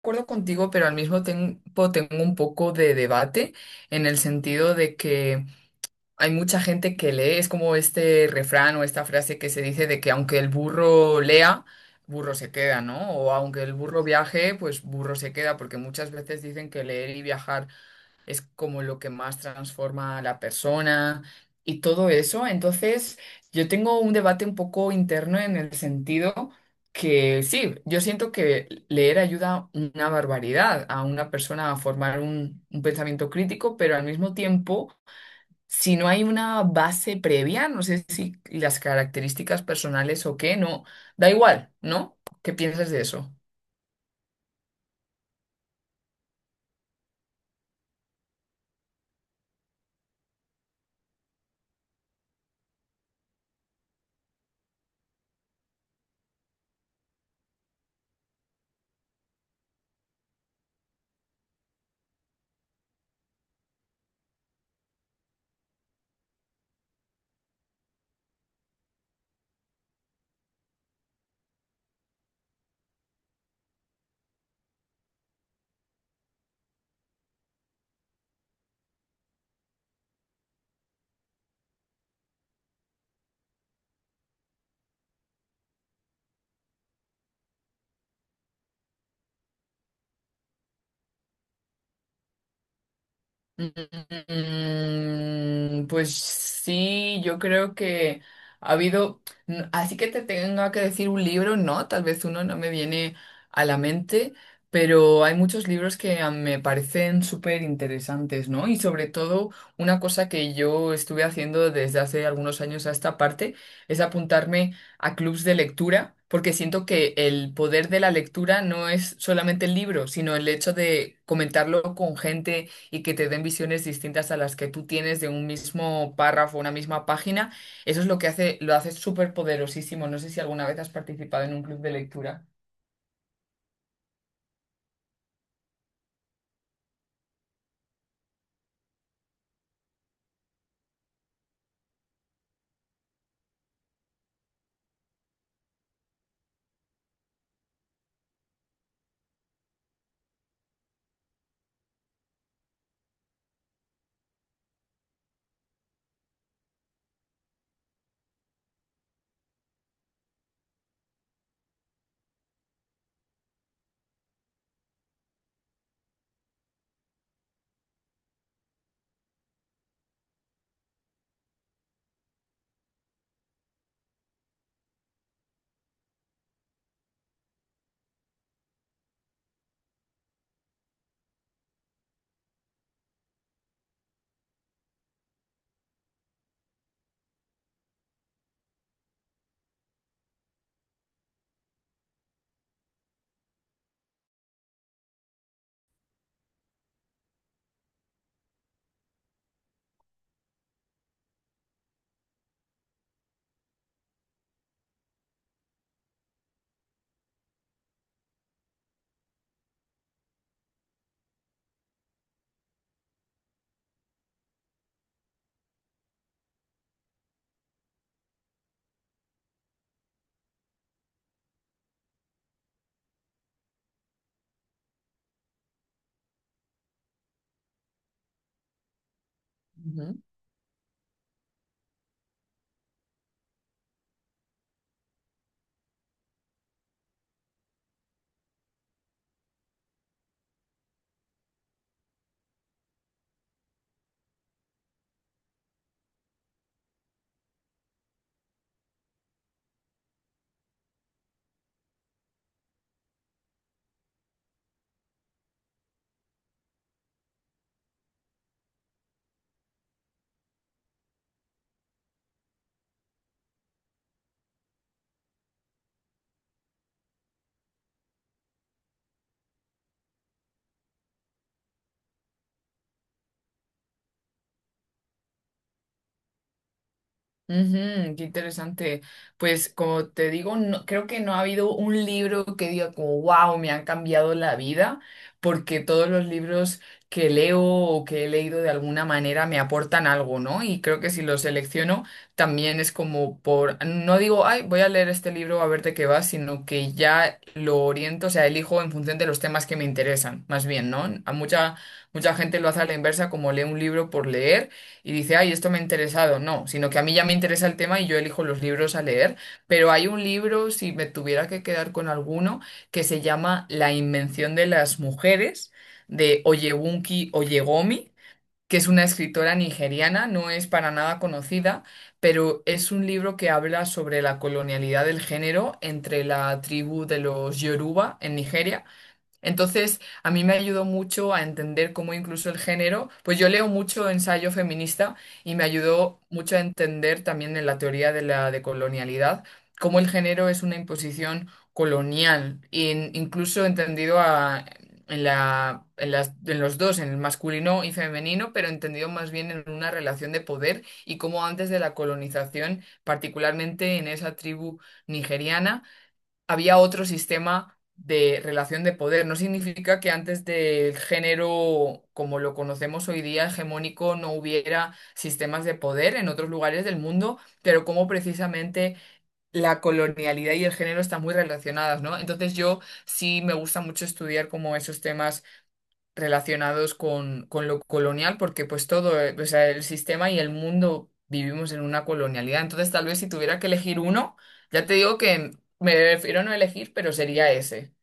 Acuerdo contigo, pero al mismo tiempo tengo un poco de debate en el sentido de que hay mucha gente que lee. Es como este refrán o esta frase que se dice de que aunque el burro lea, burro se queda, ¿no? O aunque el burro viaje, pues burro se queda, porque muchas veces dicen que leer y viajar es como lo que más transforma a la persona y todo eso. Entonces, yo tengo un debate un poco interno en el sentido que sí, yo siento que leer ayuda una barbaridad a una persona a formar un pensamiento crítico, pero al mismo tiempo, si no hay una base previa, no sé si las características personales o qué, no, da igual, ¿no? ¿Qué piensas de eso? Mm, pues sí, yo creo que ha habido, así que te tenga que decir un libro, no, tal vez uno no me viene a la mente, pero hay muchos libros que me parecen súper interesantes, ¿no? Y sobre todo una cosa que yo estuve haciendo desde hace algunos años a esta parte es apuntarme a clubs de lectura, porque siento que el poder de la lectura no es solamente el libro, sino el hecho de comentarlo con gente y que te den visiones distintas a las que tú tienes de un mismo párrafo, una misma página. Eso es lo que hace, lo hace súper poderosísimo. No sé si alguna vez has participado en un club de lectura. Ujú, qué interesante. Pues como te digo, no, creo que no ha habido un libro que diga como, wow, me han cambiado la vida, porque todos los libros que leo o que he leído de alguna manera me aportan algo, ¿no? Y creo que si los selecciono también es como por, no digo, ay, voy a leer este libro a ver de qué va, sino que ya lo oriento. O sea, elijo en función de los temas que me interesan, más bien, ¿no? A mucha gente lo hace a la inversa, como lee un libro por leer y dice, ay, esto me ha interesado. No, sino que a mí ya me interesa el tema y yo elijo los libros a leer. Pero hay un libro, si me tuviera que quedar con alguno, que se llama La Invención de las Mujeres, de Oyewunki Oyegomi, que es una escritora nigeriana, no es para nada conocida, pero es un libro que habla sobre la colonialidad del género entre la tribu de los Yoruba en Nigeria. Entonces, a mí me ayudó mucho a entender cómo incluso el género, pues yo leo mucho ensayo feminista y me ayudó mucho a entender también en la teoría de la decolonialidad cómo el género es una imposición colonial, e incluso entendido en la, en los dos, en el masculino y femenino, pero entendido más bien en una relación de poder y cómo antes de la colonización, particularmente en esa tribu nigeriana, había otro sistema de relación de poder. No significa que antes del género como lo conocemos hoy día, hegemónico, no hubiera sistemas de poder en otros lugares del mundo, pero como precisamente la colonialidad y el género están muy relacionadas, ¿no? Entonces yo sí me gusta mucho estudiar como esos temas relacionados con lo colonial, porque pues todo, o sea, el sistema y el mundo vivimos en una colonialidad. Entonces, tal vez si tuviera que elegir uno, ya te digo que me prefiero no elegir, pero sería ese.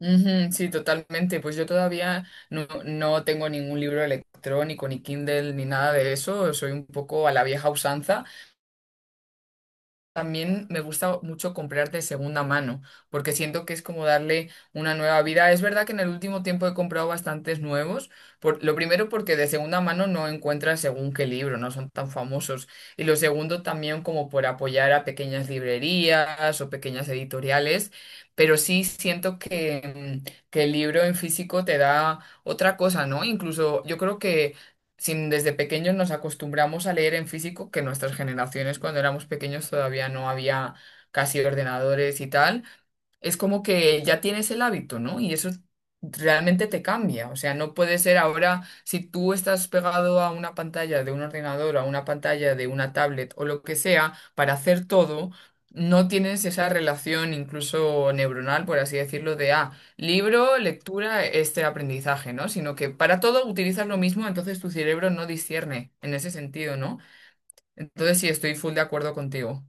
Ujú, sí, totalmente. Pues yo todavía no, no tengo ningún libro electrónico, ni Kindle, ni nada de eso. Soy un poco a la vieja usanza. También me gusta mucho comprar de segunda mano, porque siento que es como darle una nueva vida. Es verdad que en el último tiempo he comprado bastantes nuevos, por, lo primero porque de segunda mano no encuentras según qué libro, no son tan famosos. Y lo segundo también como por apoyar a pequeñas librerías o pequeñas editoriales, pero sí siento que, que el libro en físico te da otra cosa, ¿no? Incluso yo creo que sin, desde pequeños nos acostumbramos a leer en físico, que nuestras generaciones cuando éramos pequeños todavía no había casi ordenadores y tal, es como que ya tienes el hábito, ¿no? Y eso realmente te cambia. O sea, no puede ser ahora, si tú estás pegado a una pantalla de un ordenador, a una pantalla de una tablet o lo que sea, para hacer todo, no tienes esa relación incluso neuronal, por así decirlo, de, libro, lectura, este aprendizaje, ¿no? Sino que para todo utilizas lo mismo, entonces tu cerebro no discierne en ese sentido, ¿no? Entonces sí, estoy full de acuerdo contigo.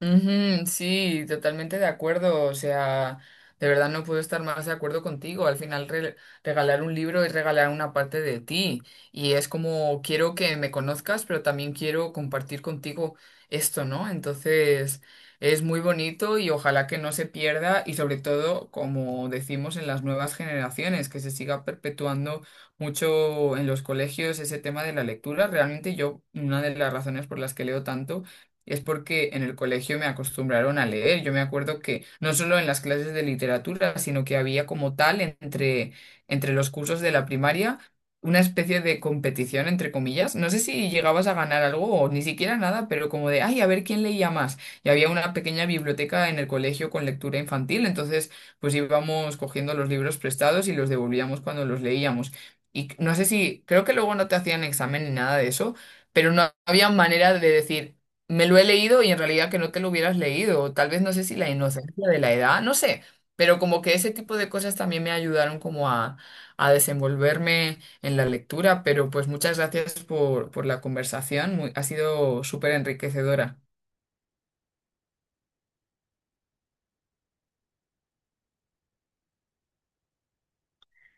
Ujú, sí, totalmente de acuerdo. O sea, de verdad no puedo estar más de acuerdo contigo. Al final, regalar un libro es regalar una parte de ti. Y es como quiero que me conozcas, pero también quiero compartir contigo esto, ¿no? Entonces, es muy bonito y ojalá que no se pierda y sobre todo, como decimos en las nuevas generaciones, que se siga perpetuando mucho en los colegios ese tema de la lectura. Realmente yo, una de las razones por las que leo tanto es porque en el colegio me acostumbraron a leer. Yo me acuerdo que no solo en las clases de literatura, sino que había como tal entre los cursos de la primaria una especie de competición, entre comillas. No sé si llegabas a ganar algo o ni siquiera nada, pero como de, ay, a ver quién leía más. Y había una pequeña biblioteca en el colegio con lectura infantil, entonces pues íbamos cogiendo los libros prestados y los devolvíamos cuando los leíamos. Y no sé si, creo que luego no te hacían examen ni nada de eso, pero no había manera de decir, me lo he leído y en realidad que no te lo hubieras leído, o tal vez no sé si la inocencia de la edad, no sé, pero como que ese tipo de cosas también me ayudaron como a desenvolverme en la lectura, pero pues muchas gracias por la conversación, ha sido súper enriquecedora.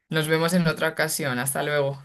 Nos vemos en otra ocasión, hasta luego.